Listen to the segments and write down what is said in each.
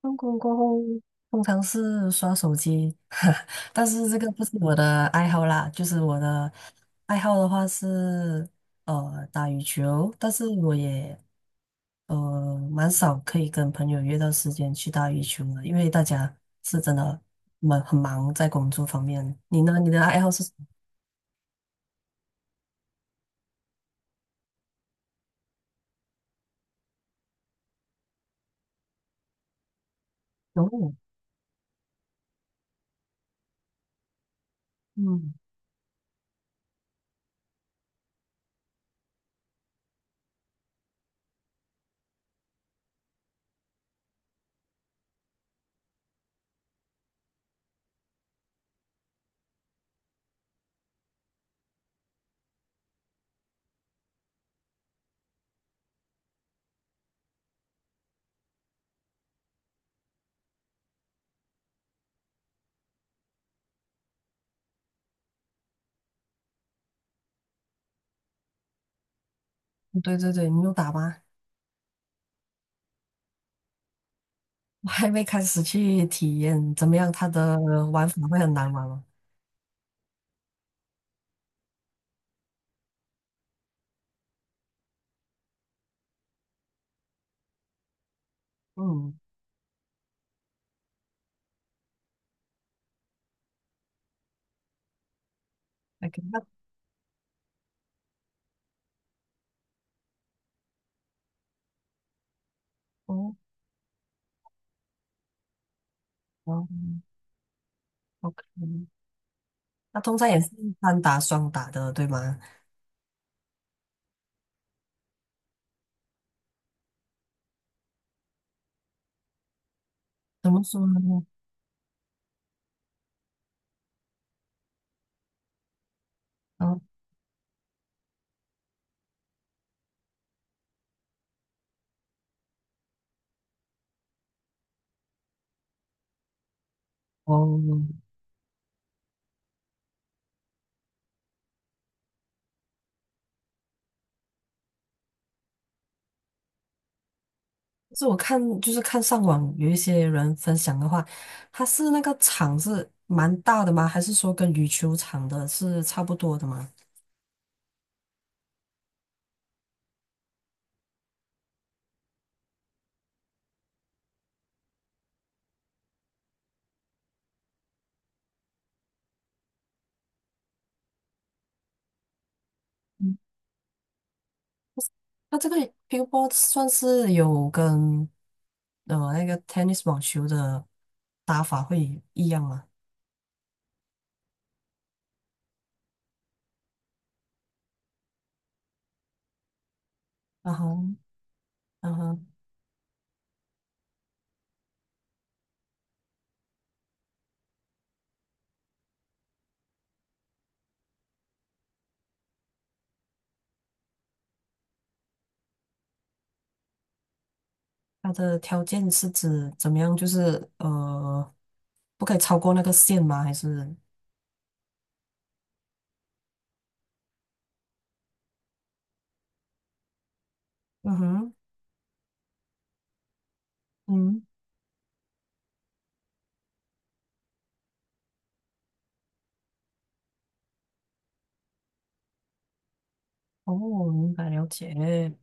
放工过后，通常是刷手机，但是这个不是我的爱好啦。就是我的爱好的话是打羽球，但是我也蛮少可以跟朋友约到时间去打羽球的，因为大家是真的蛮很忙在工作方面。你呢？你的爱好是什么？泳。嗯，对对对，你有打吗？我还没开始去体验怎么样，它的玩法会很难玩吗？嗯，OK，那哦。哦 OK，那通常也是单打双打的，对吗？怎么说呢？嗯，哦，就是我看，就是看上网有一些人分享的话，他是那个场是蛮大的吗？还是说跟羽球场的是差不多的吗？嗯，那这个乒乓波算是有跟那个 tennis 网球的打法会一样吗？啊哈，嗯哼。它的条件是指怎么样？就是不可以超过那个线吗？还是嗯哼嗯哦，明白了解。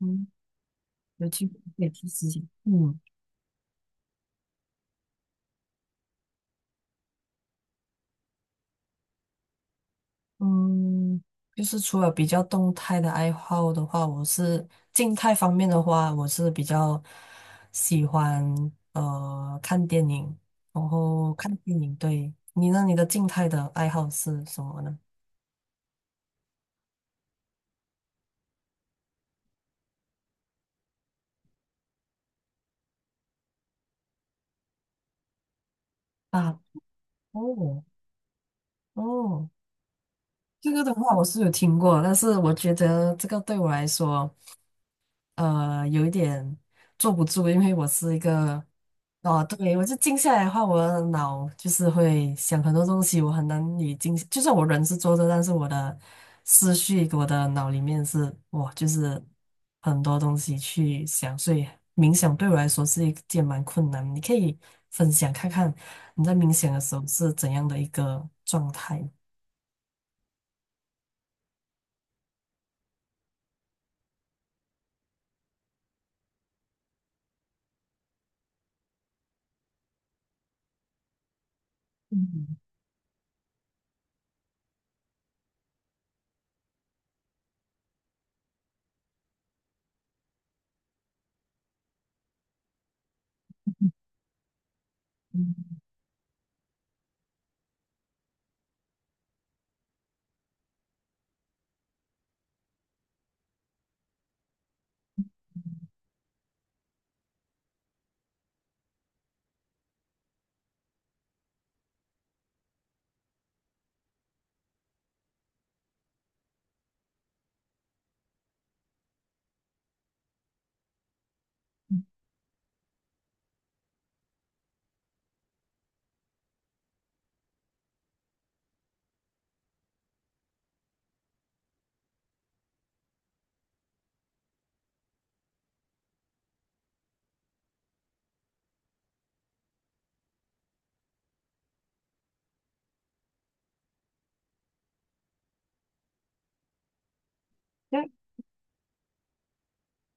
嗯，有机会可以去试试。嗯嗯，就是除了比较动态的爱好的话，我是静态方面的话，我是比较喜欢看电影，然后看电影。对，你呢？你的静态的爱好是什么呢？啊，哦哦。这个的话我是有听过，但是我觉得这个对我来说，有一点坐不住，因为我是一个，哦，对，我就静下来的话，我的脑就是会想很多东西，我很难以静，就算我人是坐着，但是我的思绪，我的脑里面是，哇，就是很多东西去想，所以冥想对我来说是一件蛮困难。你可以分享看看你在冥想的时候是怎样的一个状态？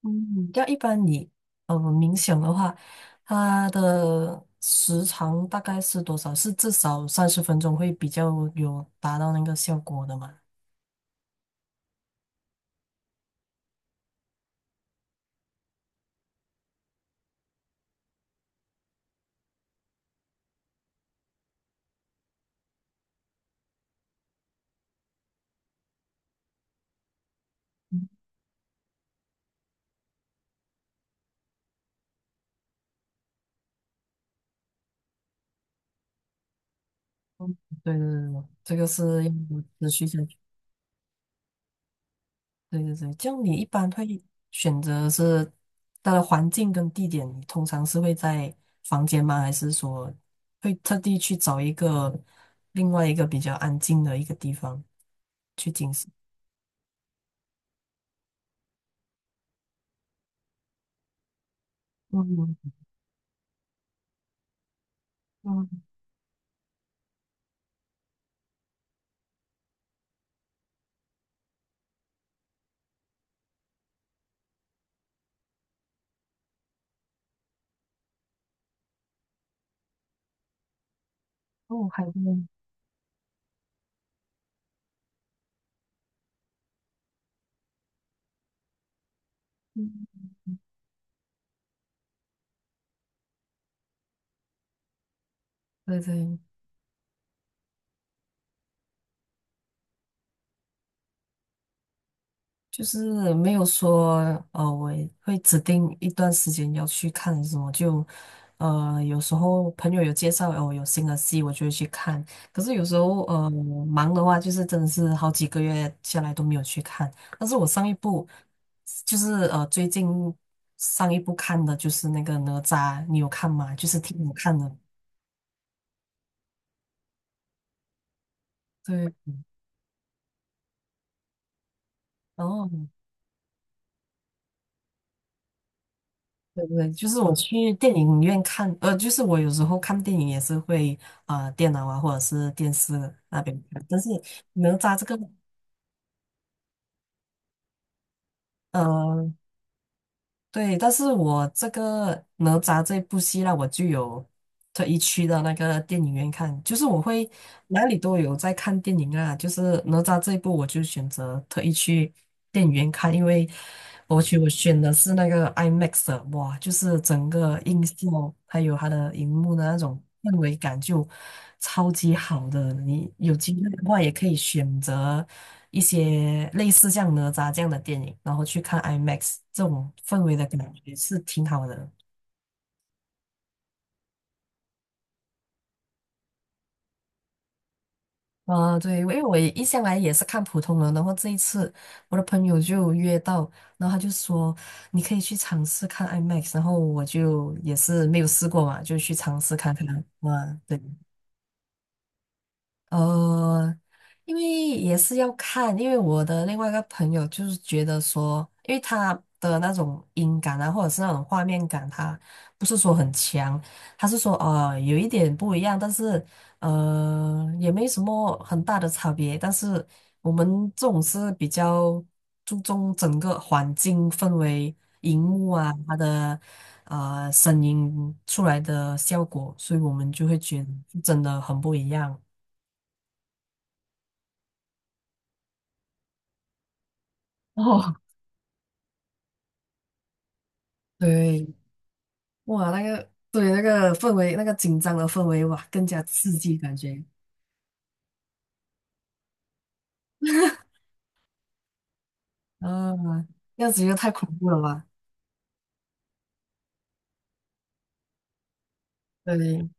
嗯，要一般你冥想的话，它的时长大概是多少？是至少30分钟会比较有达到那个效果的嘛？对对对，对这个是要持续下去。对对对，这样你一般会选择是它的环境跟地点，你通常是会在房间吗？还是说会特地去找一个另外一个比较安静的一个地方去进行？嗯嗯，哦，海边，对对。就是没有说，我会指定一段时间要去看什么，就，呃，有时候朋友有介绍，哦，有新的戏，我就会去看。可是有时候，我忙的话，就是真的是好几个月下来都没有去看。但是我上一部，就是最近上一部看的就是那个哪吒，你有看吗？就是挺好看的。对，然后对对，就是我去电影院看，就是我有时候看电影也是会啊、电脑啊或者是电视那边看，但是哪吒这个，呃，对，但是我这个哪吒这部戏呢，我就有特意去到那个电影院看，就是我会哪里都有在看电影啊，就是哪吒这一部我就选择特意去电影院看，因为我去我选的是那个 IMAX 的哇，就是整个音效还有它的荧幕的那种。氛围感就超级好的。你有机会的话，也可以选择一些类似像哪吒这样的电影，然后去看 IMAX，这种氛围的感觉是挺好的。啊、对，因为我一向来也是看普通人，然后这一次我的朋友就有约到，然后他就说你可以去尝试看 IMAX，然后我就也是没有试过嘛，就去尝试看看。哇，对。呃，因为也是要看，因为我的另外一个朋友就是觉得说，因为他的那种音感啊，或者是那种画面感，他不是说很强，他是说有一点不一样，但是也没什么很大的差别。但是我们这种是比较注重整个环境氛围、荧幕啊，它的声音出来的效果，所以我们就会觉得真的很不一样。哦，对，哇，那个对那个氛围，那个紧张的氛围，哇，更加刺激感觉啊，那样子又太恐怖了吧？对对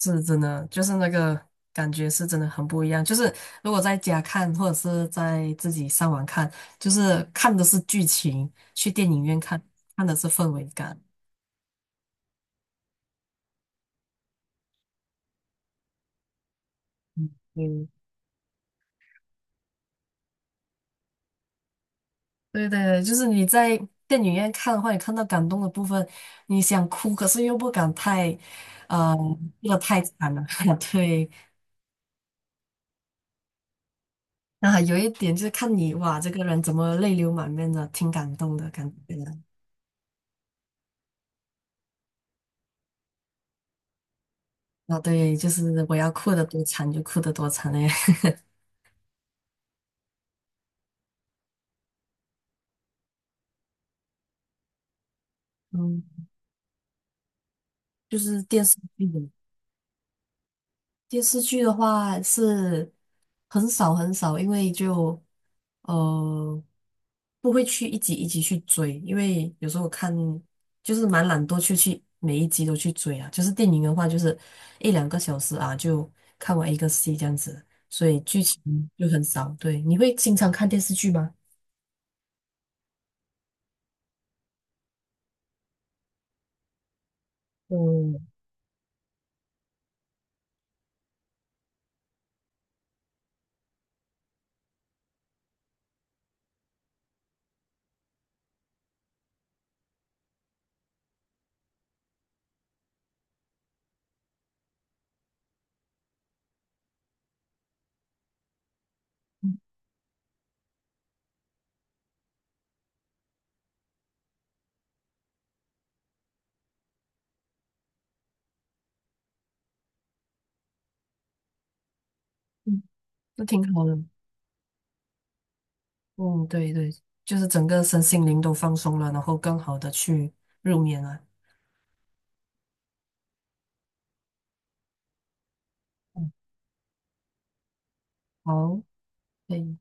是真的，就是那个感觉是真的很不一样。就是如果在家看，或者是在自己上网看，就是看的是剧情，去电影院看，看的是氛围感。嗯。对对对，就是你在电影院看的话，你看到感动的部分，你想哭，可是又不敢太，哭的太惨了。对，那还有一点就是看你哇，这个人怎么泪流满面的，挺感动的感觉的啊，对，就是我要哭的多惨就哭的多惨嘞。嗯，就是电视剧。电视剧的话是很少很少，因为就呃不会去一集一集去追，因为有时候我看就是蛮懒惰去每一集都去追啊。就是电影的话，就是一两个小时啊就看完一个戏这样子，所以剧情就很少。对，你会经常看电视剧吗？嗯嗯，那挺好的。嗯，对对，就是整个身心灵都放松了，然后更好的去入眠了。嗯，好。可以。